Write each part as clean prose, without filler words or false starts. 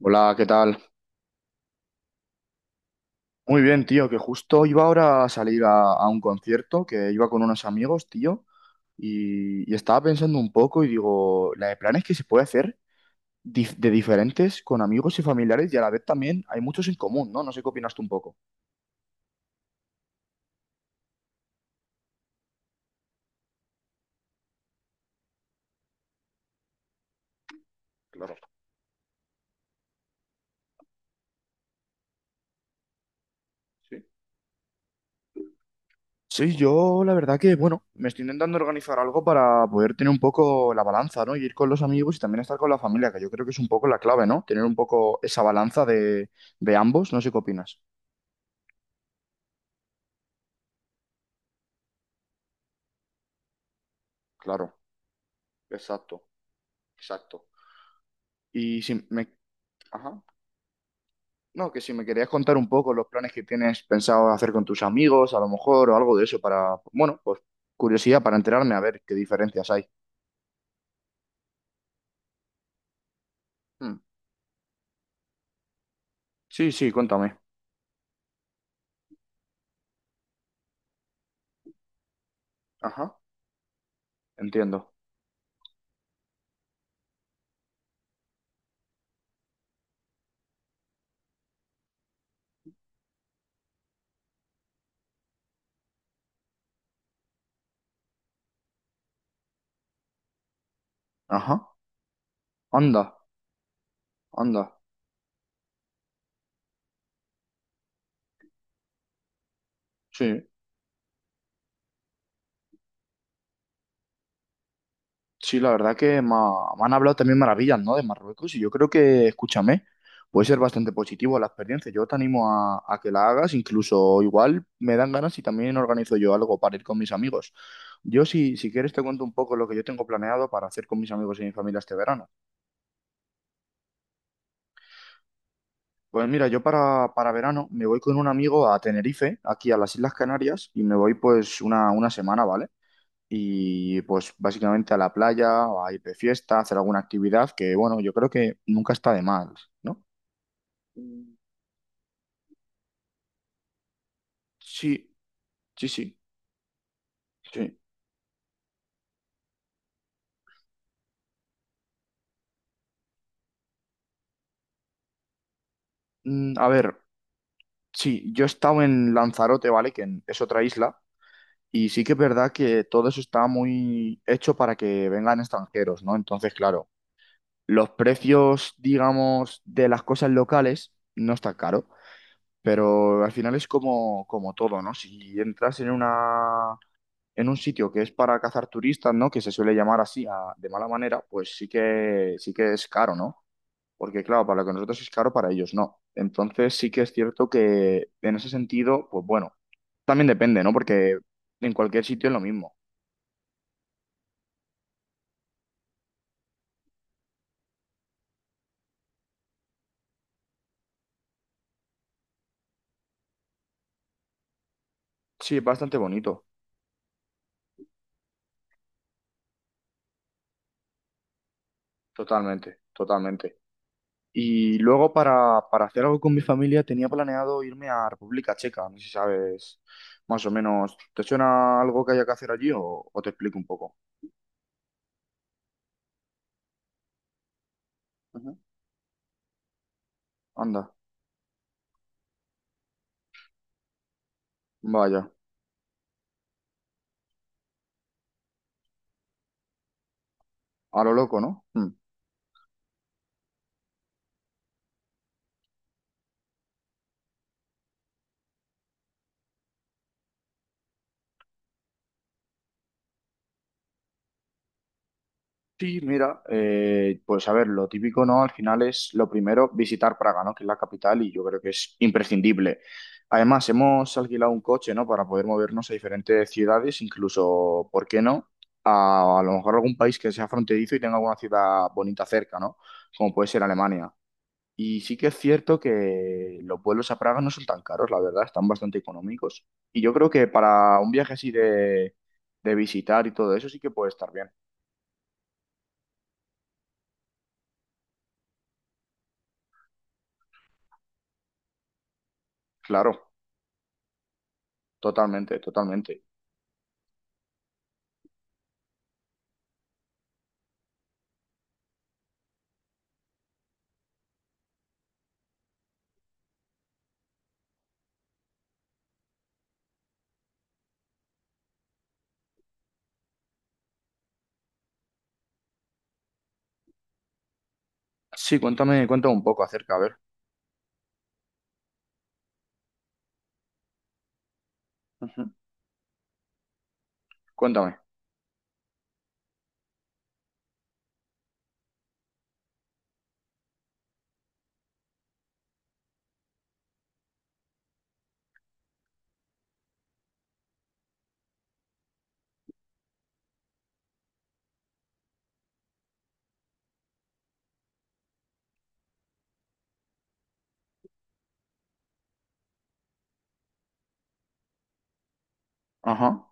Hola, ¿qué tal? Muy bien, tío, que justo iba ahora a salir a un concierto, que iba con unos amigos, tío, y estaba pensando un poco y digo, la de planes que se puede hacer de diferentes con amigos y familiares y a la vez también hay muchos en común, ¿no? No sé qué opinas tú un poco. Claro, sí. Sí, yo la verdad que, bueno, me estoy intentando organizar algo para poder tener un poco la balanza, ¿no? Y ir con los amigos y también estar con la familia, que yo creo que es un poco la clave, ¿no? Tener un poco esa balanza de ambos, no sé qué opinas. Claro, exacto. Exacto. Y si me... Ajá. No, que si me querías contar un poco los planes que tienes pensado hacer con tus amigos, a lo mejor, o algo de eso, para, bueno, pues curiosidad para enterarme a ver qué diferencias hay. Hmm. Sí, sí, cuéntame. Ajá, entiendo. Ajá, anda, anda. Sí. Sí, la verdad que me han hablado también maravillas, ¿no? De Marruecos y yo creo que, escúchame, puede ser bastante positivo la experiencia. Yo te animo a que la hagas, incluso igual me dan ganas y también organizo yo algo para ir con mis amigos. Yo si quieres te cuento un poco lo que yo tengo planeado para hacer con mis amigos y mi familia este verano. Pues mira, yo para verano me voy con un amigo a Tenerife, aquí a las Islas Canarias, y me voy pues una semana, ¿vale? Y pues básicamente a la playa, o a ir de fiesta, a hacer alguna actividad que, bueno, yo creo que nunca está de mal, ¿no? Mm. Sí, sí, sí, sí. Mm, a ver, sí, yo he estado en Lanzarote, ¿vale? Es otra isla, y sí que es verdad que todo eso está muy hecho para que vengan extranjeros, ¿no? Entonces, claro, los precios, digamos, de las cosas locales no está caro. Pero al final es como, como todo, ¿no? Si entras en una En un sitio que es para cazar turistas, ¿no? Que se suele llamar así de mala manera, pues sí que es caro, ¿no? Porque claro, para lo que nosotros es caro, para ellos no. Entonces sí que es cierto que en ese sentido, pues bueno, también depende, ¿no? Porque en cualquier sitio es lo mismo. Sí, es bastante bonito, totalmente, totalmente. Y luego para hacer algo con mi familia tenía planeado irme a República Checa, no sé si sabes más o menos. ¿Te suena algo que haya que hacer allí o te explico un poco? Ujú. Anda, vaya. A lo loco, ¿no? Mm. Sí, mira, pues a ver, lo típico, ¿no? Al final es lo primero visitar Praga, ¿no? Que es la capital y yo creo que es imprescindible. Además, hemos alquilado un coche, ¿no? Para poder movernos a diferentes ciudades, incluso, ¿por qué no? A lo mejor algún país que sea fronterizo y tenga alguna ciudad bonita cerca, ¿no? Como puede ser Alemania. Y sí que es cierto que los vuelos a Praga no son tan caros, la verdad, están bastante económicos. Y yo creo que para un viaje así de visitar y todo eso sí que puede estar bien. Claro, totalmente, totalmente. Sí, cuéntame, cuéntame un poco acerca, a ver. Ujú. Cuéntame. Ajá.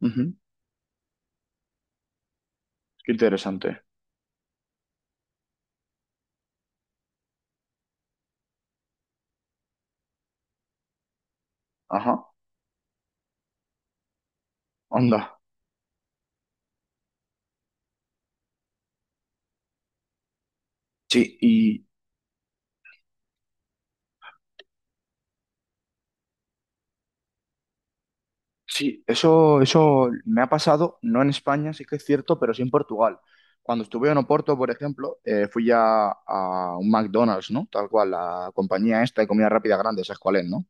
Ujú. Qué interesante. Ajá. Onda. Sí, y sí, eso me ha pasado, no en España, sí que es cierto, pero sí en Portugal. Cuando estuve en Oporto, por ejemplo, fui ya a un McDonald's, ¿no? Tal cual, la compañía esta de comida rápida grande, ¿sabes cuál es, no?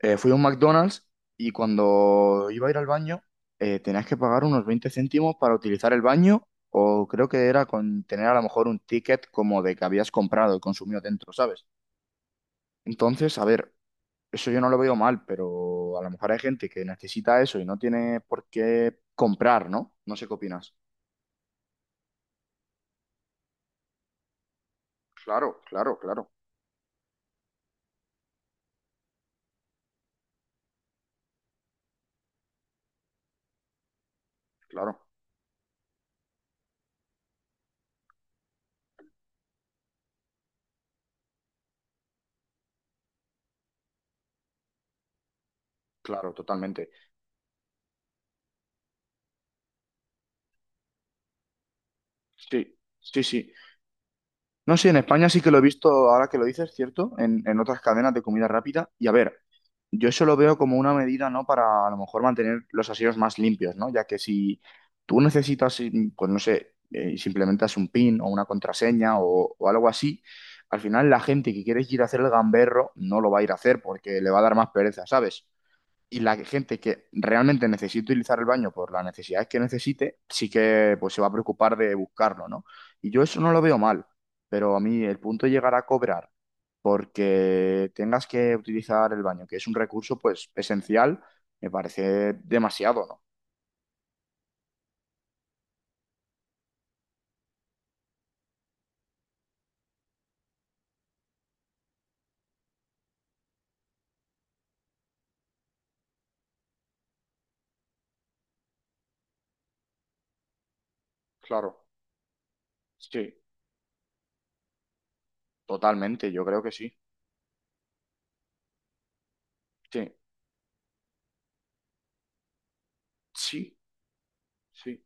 Fui a un McDonald's y cuando iba a ir al baño, tenías que pagar unos 20 céntimos para utilizar el baño, o creo que era con tener a lo mejor un ticket como de que habías comprado y consumido dentro, ¿sabes? Entonces, a ver, eso yo no lo veo mal, pero a lo mejor hay gente que necesita eso y no tiene por qué comprar, ¿no? No sé qué opinas. Claro, claro, claro, claro, claro, totalmente. Sí, sí, sí. No sé, en España sí que lo he visto, ahora que lo dices, ¿cierto? En otras cadenas de comida rápida. Y a ver, yo eso lo veo como una medida, ¿no? Para a lo mejor mantener los aseos más limpios, ¿no? Ya que si tú necesitas, mm, pues no sé, si implementas un PIN o una contraseña o algo así, al final la gente que quiere ir a hacer el gamberro no lo va a ir a hacer porque le va a dar más pereza, ¿sabes? Y la gente que realmente necesite utilizar el baño por las necesidades que necesite, sí que pues se va a preocupar de buscarlo, ¿no? Y yo eso no lo veo mal, pero a mí el punto de llegar a cobrar porque tengas que utilizar el baño, que es un recurso pues esencial, me parece demasiado, ¿no? Claro, sí, totalmente, yo creo que sí. Sí, sí, sí.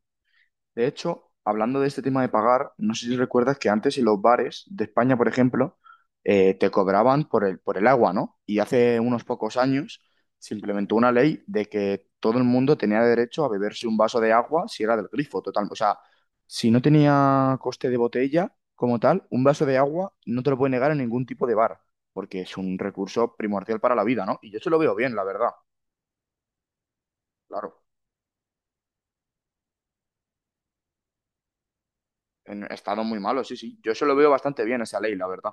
De hecho, hablando de este tema de pagar, no sé si recuerdas que antes en los bares de España, por ejemplo, te cobraban por el agua, ¿no? Y hace unos pocos años se implementó una ley de que todo el mundo tenía derecho a beberse un vaso de agua si era del grifo, total. O sea, si no tenía coste de botella como tal, un vaso de agua no te lo puede negar en ningún tipo de bar, porque es un recurso primordial para la vida, ¿no? Y yo se lo veo bien, la verdad. Claro, en estado muy malo, sí, sí. Yo se lo veo bastante bien esa ley, la verdad.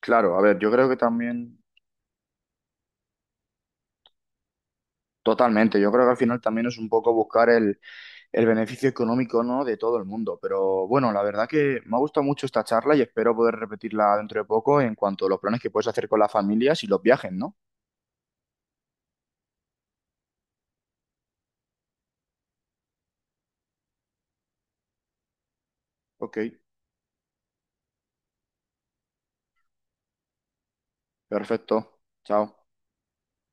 Claro, a ver, yo creo que también, totalmente, yo creo que al final también es un poco buscar el beneficio económico, ¿no? De todo el mundo. Pero bueno, la verdad que me ha gustado mucho esta charla y espero poder repetirla dentro de poco en cuanto a los planes que puedes hacer con las familias y los viajes, ¿no? Ok, perfecto. Chao.